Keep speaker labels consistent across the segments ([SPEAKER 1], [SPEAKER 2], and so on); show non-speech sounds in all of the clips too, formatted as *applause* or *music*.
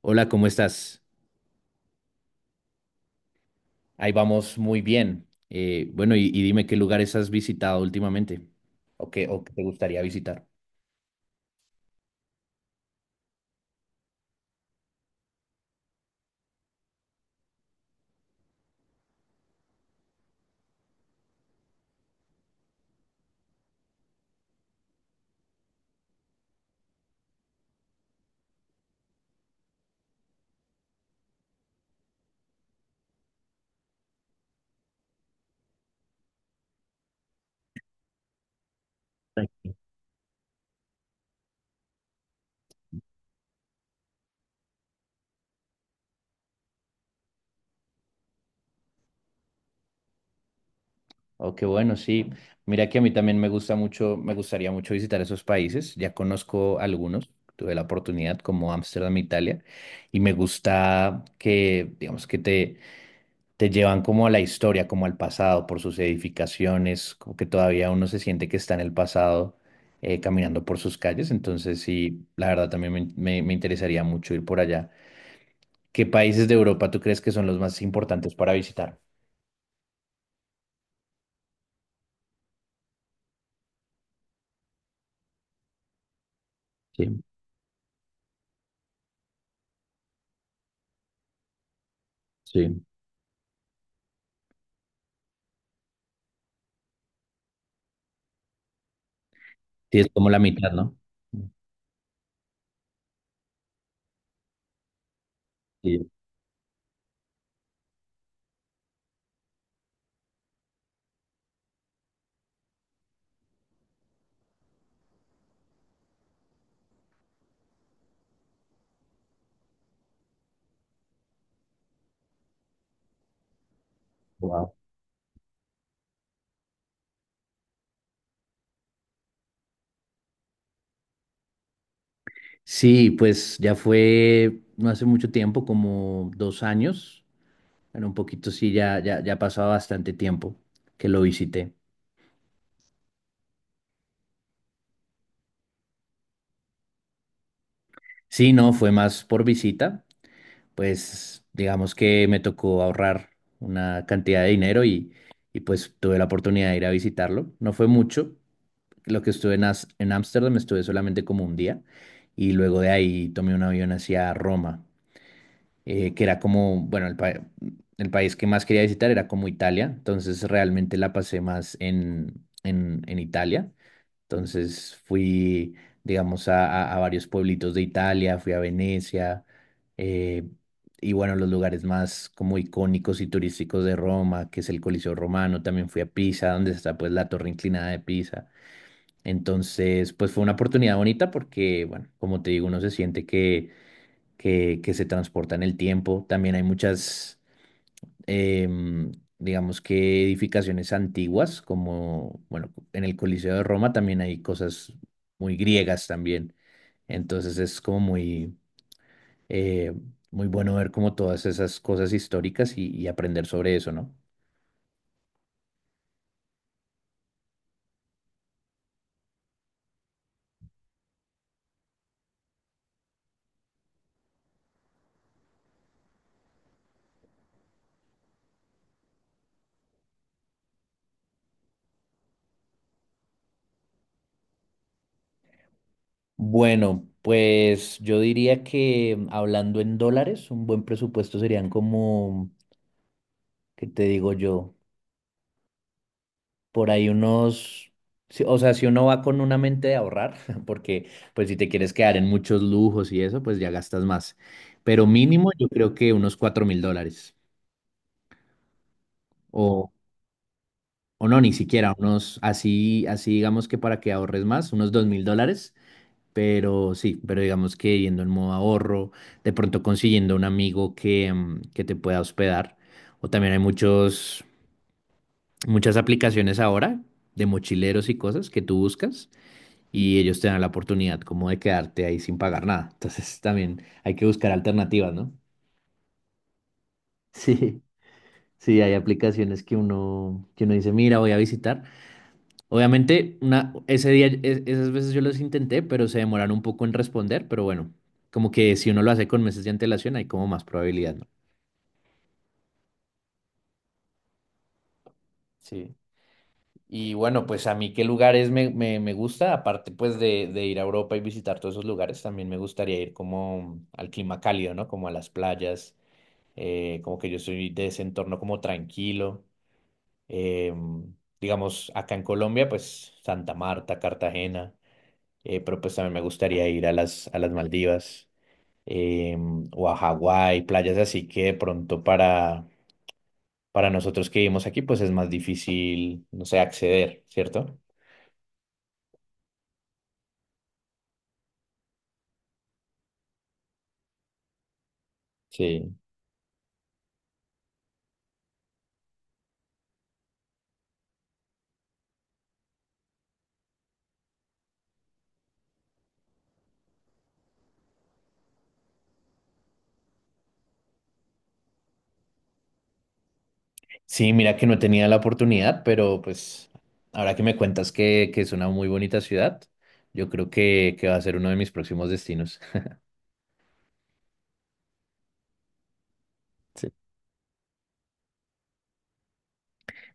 [SPEAKER 1] Hola, ¿cómo estás? Ahí vamos muy bien. Bueno, y dime qué lugares has visitado últimamente o qué te gustaría visitar. Oh, qué bueno, sí. Mira que a mí también me gusta mucho, me gustaría mucho visitar esos países. Ya conozco algunos, tuve la oportunidad como Ámsterdam, Italia, y me gusta que, digamos, que te llevan como a la historia, como al pasado, por sus edificaciones, como que todavía uno se siente que está en el pasado caminando por sus calles. Entonces, sí, la verdad también me interesaría mucho ir por allá. ¿Qué países de Europa tú crees que son los más importantes para visitar? Sí, sí. Sí, es como la mitad, ¿no? Sí, wow. Sí, pues ya fue no hace mucho tiempo, como 2 años. Bueno, un poquito sí, ya ha pasado bastante tiempo que lo visité. Sí, no, fue más por visita. Pues digamos que me tocó ahorrar una cantidad de dinero y pues tuve la oportunidad de ir a visitarlo. No fue mucho, lo que estuve en Ámsterdam estuve solamente como 1 día y luego de ahí tomé un avión hacia Roma, que era como, bueno, el país que más quería visitar era como Italia, entonces realmente la pasé más en, en Italia. Entonces fui, digamos, a varios pueblitos de Italia, fui a Venecia, eh, y bueno, los lugares más como icónicos y turísticos de Roma, que es el Coliseo Romano, también fui a Pisa, donde está pues la torre inclinada de Pisa. Entonces, pues fue una oportunidad bonita porque, bueno, como te digo, uno se siente que se transporta en el tiempo. También hay muchas em, digamos que edificaciones antiguas, como, bueno, en el Coliseo de Roma también hay cosas muy griegas también. Entonces es como muy, eh, muy bueno ver como todas esas cosas históricas y aprender sobre eso, ¿no? Bueno, pues yo diría que hablando en dólares, un buen presupuesto serían como, ¿qué te digo yo? Por ahí unos, o sea, si uno va con una mente de ahorrar, *laughs* porque pues si te quieres quedar en muchos lujos y eso, pues ya gastas más. Pero mínimo yo creo que unos $4.000. O, o no, ni siquiera, unos así, así digamos que para que ahorres más, unos $2.000. Pero sí, pero digamos que yendo en modo ahorro, de pronto consiguiendo un amigo que, que te pueda hospedar. O también hay muchos, muchas aplicaciones ahora de mochileros y cosas que tú buscas y ellos te dan la oportunidad como de quedarte ahí sin pagar nada. Entonces también hay que buscar alternativas, ¿no? Sí, sí, hay aplicaciones que uno dice, mira, voy a visitar. Obviamente, una, ese día, esas veces yo los intenté, pero se demoraron un poco en responder, pero bueno, como que si uno lo hace con meses de antelación, hay como más probabilidad, ¿no? Sí. Y bueno, pues a mí qué lugares me gusta, aparte pues de ir a Europa y visitar todos esos lugares, también me gustaría ir como al clima cálido, ¿no? Como a las playas. Como que yo soy de ese entorno como tranquilo. eh, digamos, acá en Colombia, pues Santa Marta, Cartagena, pero pues también me gustaría ir a las Maldivas eh, o a Hawái, playas así que de pronto para nosotros que vivimos aquí, pues es más difícil, no sé, acceder, ¿cierto? Sí. Sí, mira que no tenía la oportunidad, pero pues ahora que me cuentas que es una muy bonita ciudad, yo creo que va a ser uno de mis próximos destinos. *laughs*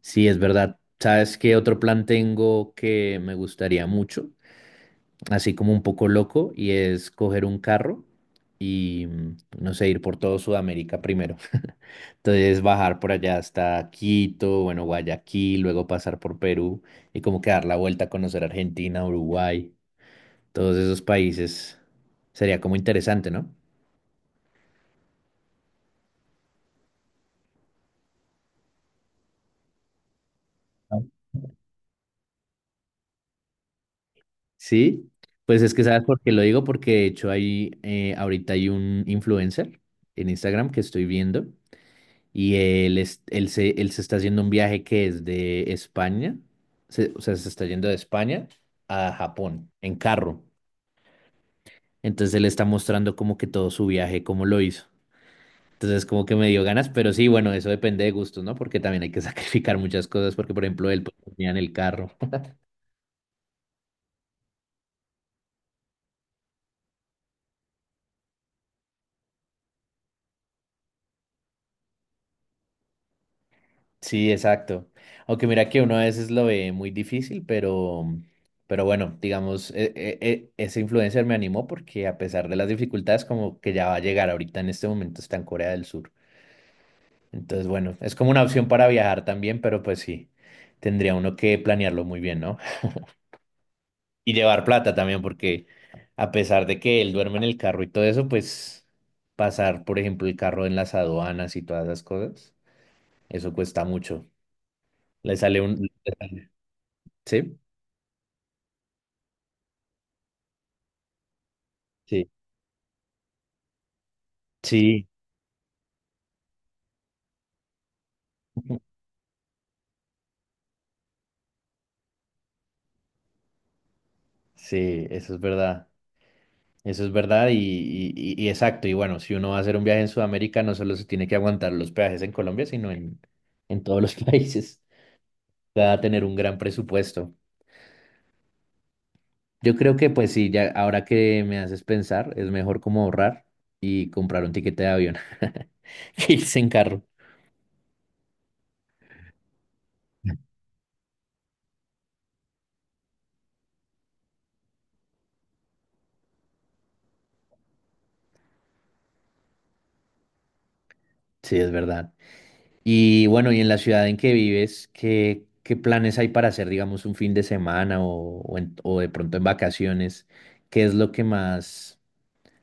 [SPEAKER 1] Sí, es verdad. ¿Sabes qué otro plan tengo que me gustaría mucho? Así como un poco loco, y es coger un carro y, no sé, ir por todo Sudamérica primero. *laughs* Entonces bajar por allá hasta Quito, bueno, Guayaquil, luego pasar por Perú y como que dar la vuelta a conocer Argentina, Uruguay, todos esos países. Sería como interesante, ¿no? Sí, pues es que sabes por qué lo digo, porque de hecho hay, ahorita hay un influencer en Instagram que estoy viendo y él se está haciendo un viaje que es de España, o sea, se está yendo de España a Japón en carro. Entonces él está mostrando como que todo su viaje, cómo lo hizo. Entonces como que me dio ganas, pero sí, bueno, eso depende de gustos, ¿no? Porque también hay que *laughs* sacrificar muchas cosas, porque por ejemplo él pues, dormía en el carro. Sí, exacto. Aunque mira que uno a veces lo ve muy difícil, pero bueno, digamos, ese influencer me animó porque a pesar de las dificultades, como que ya va a llegar ahorita en este momento está en Corea del Sur. Entonces, bueno, es como una opción para viajar también, pero pues sí, tendría uno que planearlo muy bien, ¿no? *laughs* Y llevar plata también, porque a pesar de que él duerme en el carro y todo eso, pues pasar, por ejemplo, el carro en las aduanas y todas esas cosas, eso cuesta mucho. Le sale un... sale- ¿Sí? Sí, sí, sí, eso es verdad y exacto, y bueno, si uno va a hacer un viaje en Sudamérica, no solo se tiene que aguantar los peajes en Colombia, sino en todos los *laughs* países, va a tener un gran presupuesto. Yo creo que pues sí, ya ahora que me haces pensar, es mejor como ahorrar y comprar un tiquete de avión *laughs* que irse en carro. Sí, es verdad. Y bueno, y en la ciudad en que vives, ¿qué, qué planes hay para hacer, digamos, un fin de semana o o de pronto en vacaciones? ¿Qué es lo que más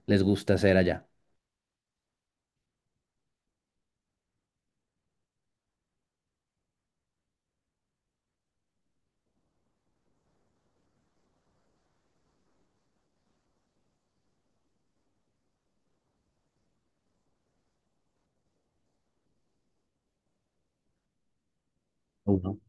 [SPEAKER 1] les gusta hacer allá? Ujú.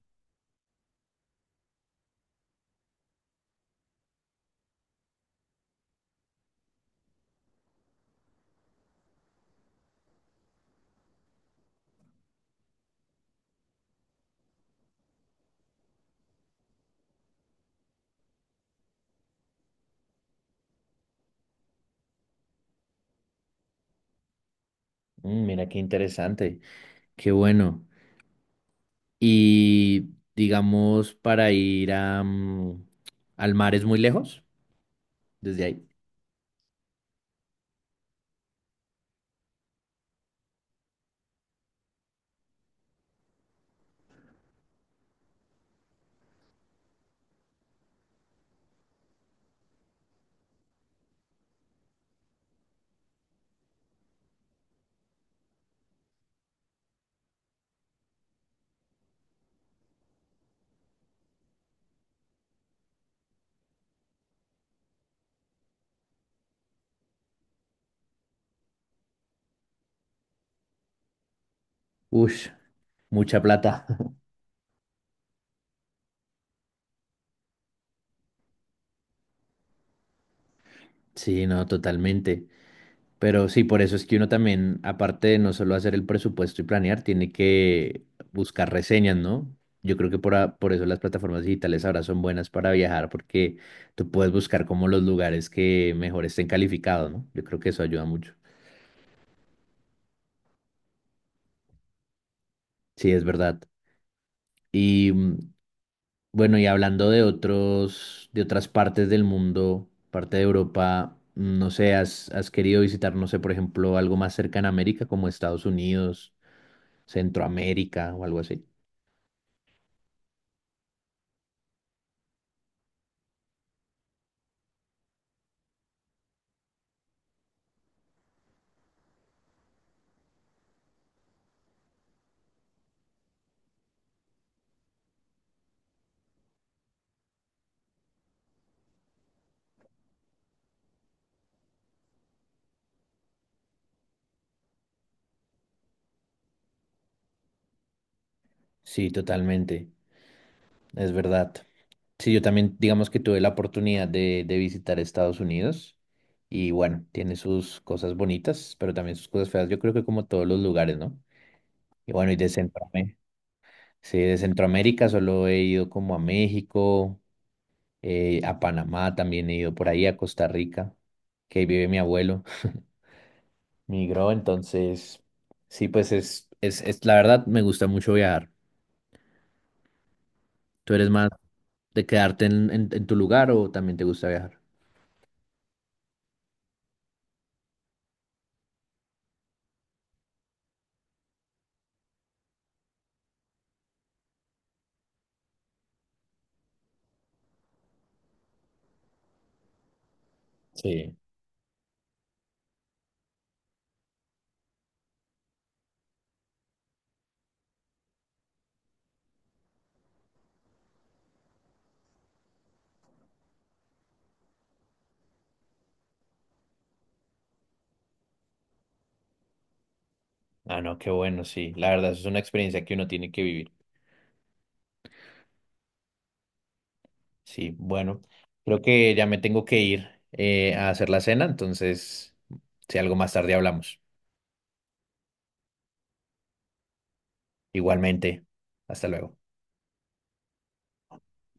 [SPEAKER 1] Mira qué interesante, qué bueno. Y digamos, para ir a, al mar es muy lejos desde ahí. Ush, mucha plata. *laughs* Sí, no, totalmente. Pero sí, por eso es que uno también, aparte de no solo hacer el presupuesto y planear, tiene que buscar reseñas, ¿no? Yo creo que por, por eso las plataformas digitales ahora son buenas para viajar, porque tú puedes buscar como los lugares que mejor estén calificados, ¿no? Yo creo que eso ayuda mucho. Sí, es verdad. Y bueno, y hablando de otros, de otras partes del mundo, parte de Europa, no sé, has, has querido visitar, no sé, por ejemplo, ¿algo más cerca en América, como Estados Unidos, Centroamérica o algo así? Sí, totalmente, es verdad. Sí, yo también, digamos que tuve la oportunidad de visitar Estados Unidos y bueno, tiene sus cosas bonitas, pero también sus cosas feas. Yo creo que como todos los lugares, ¿no? Y bueno, y de Centroamérica, sí, de Centroamérica solo he ido como a México, a Panamá también he ido por ahí, a Costa Rica, que ahí vive mi abuelo, *laughs* migró, entonces, sí, pues es, la verdad me gusta mucho viajar. ¿Tú eres más de quedarte en tu lugar o también te gusta viajar? Sí, ah, no, qué bueno, sí, la verdad es una experiencia que uno tiene que vivir. Sí, bueno, creo que ya me tengo que ir a hacer la cena, entonces, si algo más tarde hablamos. Igualmente, hasta luego.